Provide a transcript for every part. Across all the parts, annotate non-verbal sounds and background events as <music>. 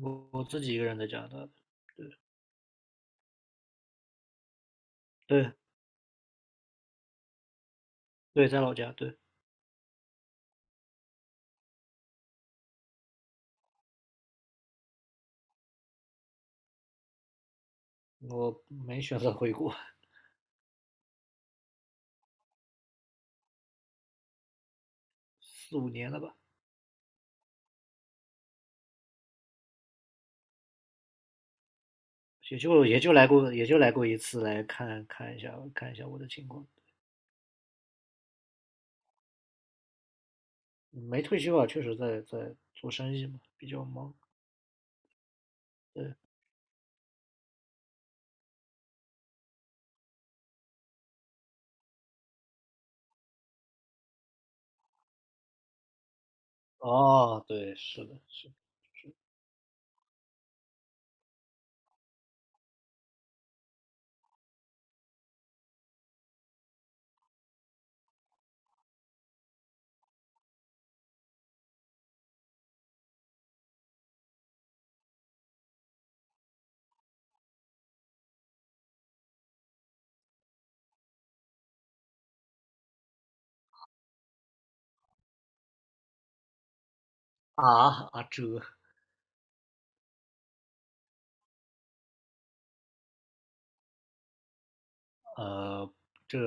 我自己一个人在加拿大的，对对对，在老家，对。我没选择回国。四五年了吧。也就来过一次，来看一下我的情况。嗯没退休啊，确实在做生意嘛，比较忙。对，哦，对，是的，是的。啊啊这呃这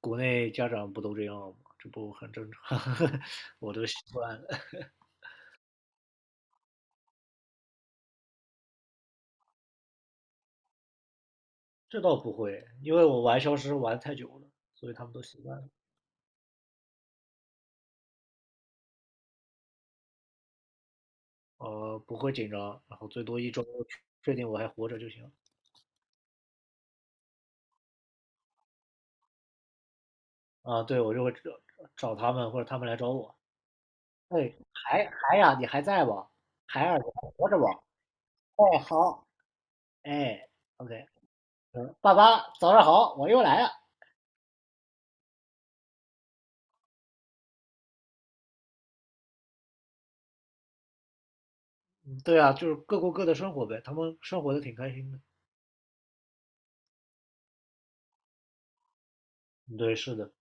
国内家长不都这样吗？这不很正常。<laughs> 我都习惯了。这倒不会，因为我玩消失玩太久了，所以他们都习惯了。不会紧张，然后最多一周确定我还活着就行。啊，对，我就会找他们，或者他们来找我。哎，海海呀，你还在不？海尔，你还活着不？哎，好，哎，OK，嗯，爸爸，早上好，我又来了。嗯对啊，就是各过各的生活呗，他们生活的挺开心的。嗯对，是的。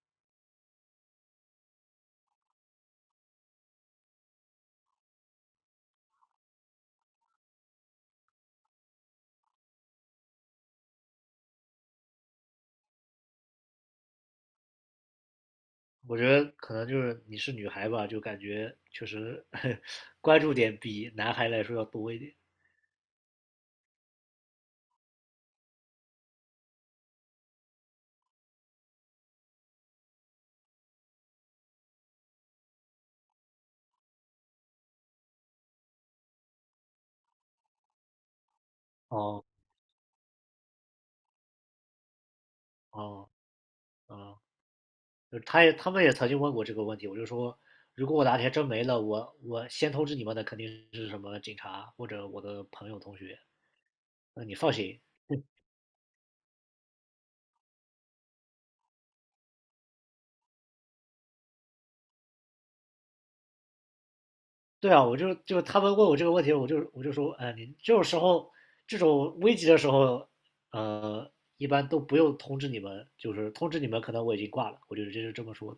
我觉得可能就是你是女孩吧，就感觉确实 <laughs> 关注点比男孩来说要多一点。哦哦哦。啊就是他们也曾经问过这个问题，我就说，如果我哪天真没了，我先通知你们的肯定是什么警察或者我的朋友同学，那你放心。对啊，我就就他们问我这个问题，我就说，哎，你这种时候这种危急的时候，呃，一般都不用通知你们，就是通知你们可能我已经挂了，我就直接就这么说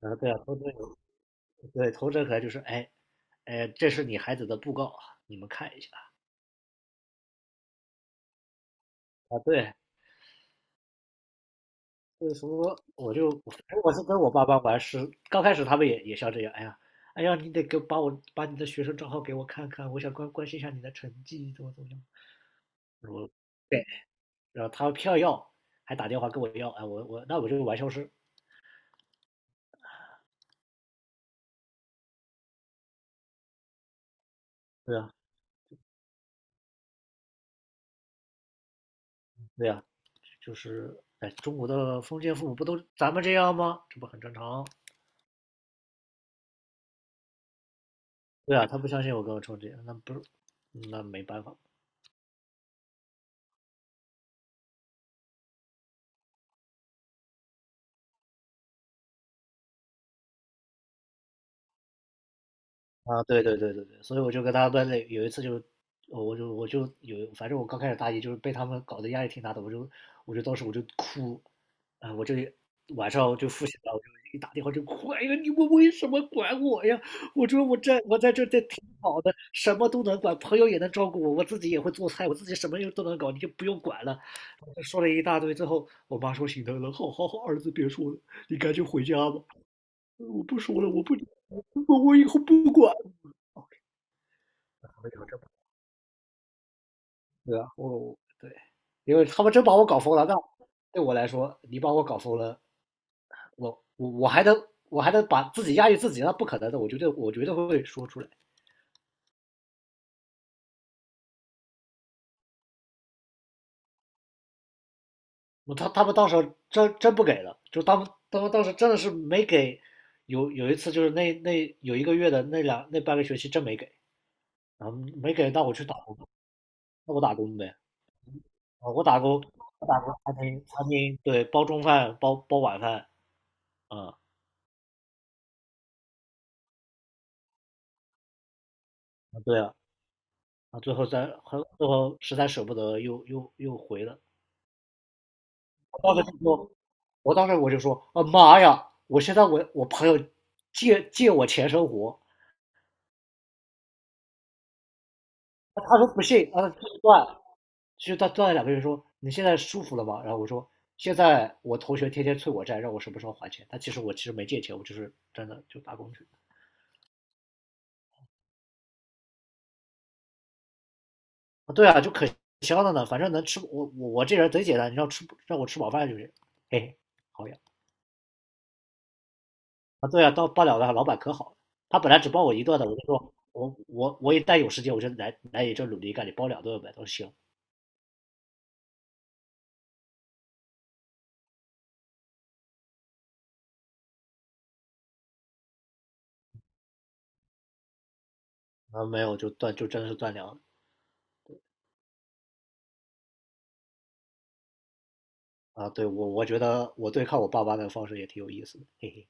的。啊，对啊，通知你们对通知可能就是，哎，这是你孩子的布告啊，你们看一下。啊，对，所以说，我是跟我爸爸玩是，刚开始他们也像这样，哎呀，哎呀，你得给把我把你的学生账号给我看看，我想关心一下你的成绩怎么样。我对，然后他票偏要，还打电话跟我要，哎，我就是玩消失。对啊，对啊，就是哎，中国的封建父母不都咱们这样吗？这不很正常？对啊，他不相信我跟我说这样，那不是，那没办法。啊，对对对对对，所以我就跟他们有一次就，我就我就有，反正我刚开始大一就是被他们搞得压力挺大的，我就我就当时我就哭。我就晚上就复习了，我就一打电话就哭，哎呀，你们为什么管我呀？我说我在这这挺好的，什么都能管，朋友也能照顾我，我自己也会做菜，我自己什么又都能搞，你就不用管了。就说了一大堆之后，我妈说心疼了，好好好，儿子别说了，你赶紧回家吧。我不说了，我不，我以后不管。他们聊这对啊，因为他们真把我搞疯了，那对我来说，你把我搞疯了，我我我还能我还能把自己压抑自己，那不可能的，我绝对会说出来。他们到时候真真不给了，就他们当时真的是没给，有一次就是有一个月的那两那半个学期真没给，然后没给，那我去打工，那我打工呗。啊，我打工餐厅包中饭包晚饭。啊、嗯，对啊。啊，最后实在舍不得又，又回了。我当时就说，我当时我就说，啊妈呀！我现在我朋友借我钱生活。他说不信，啊继续断。其实他断了两个月说，你现在舒服了吗？然后我说现在我同学天天催我债，让我什么时候还钱？他其实我其实没借钱，我就是真的就打工去。啊，对啊，就可香了呢，反正能吃我这人贼简单，你让吃让我吃饱饭就行。嘿嘿，好呀。啊，对啊，到罢了的老板可好了，他本来只包我一顿的，我就说我一旦有时间，我就来你这努力干，你包两顿呗，都行。啊没有就断就真的是断粮。啊，对，我我觉得我对抗我爸妈的方式也挺有意思的，嘿嘿。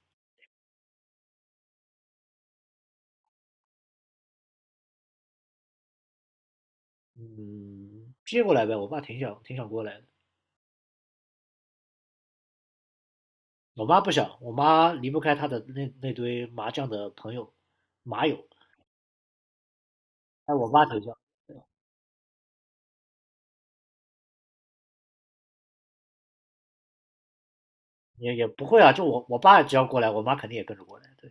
嗯，接过来呗，我爸挺想过来的。我妈不想，我妈离不开她的那堆麻将的朋友，麻友，但我妈挺想。也也不会啊，就我爸只要过来，我妈肯定也跟着过来，对。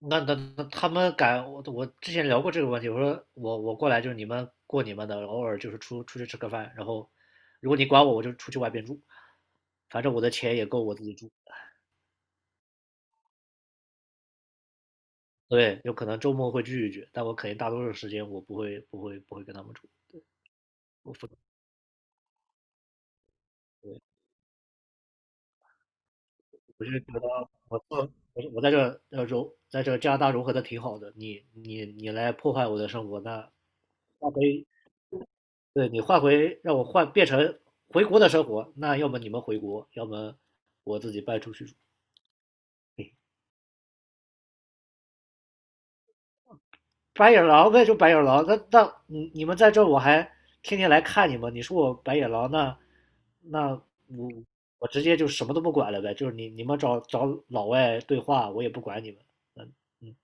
那那那他们敢我我之前聊过这个问题，我说我过来就是你们过你们的，偶尔就是出去吃个饭，然后如果你管我，我就出去外边住。反正我的钱也够我自己住。对，有可能周末会聚一聚，但我肯定大多数时间我不会不会不会跟他们住。我不对，我是觉得我做我我在这在这加拿大融合的挺好的，你来破坏我的生活，那那可以，对你换回让我换变成回国的生活，那要么你们回国，要么我自己搬出去住。白眼狼呗，就白眼狼。那那你你们在这儿我还天天来看你们。你说我白眼狼，那那我我直接就什么都不管了呗。就是你们找老外对话，我也不管你们。嗯嗯，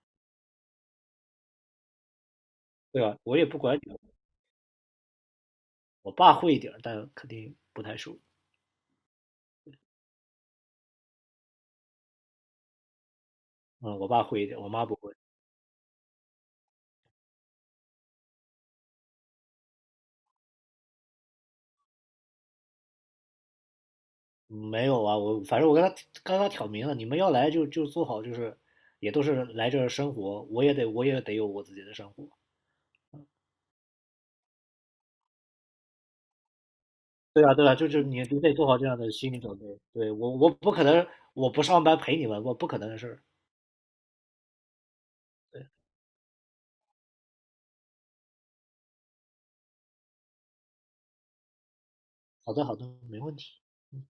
对吧？我也不管你们。我爸会一点但肯定不太熟。嗯，我爸会一点，我妈不会。没有啊，我反正我跟他刚刚挑明了，你们要来就就做好，就是也都是来这儿生活，我也得有我自己的生活。对啊，对啊，就是你你得做好这样的心理准备。对，我不上班陪你们，我不可能的事儿。好的，好的，没问题。嗯，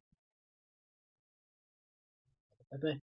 拜拜。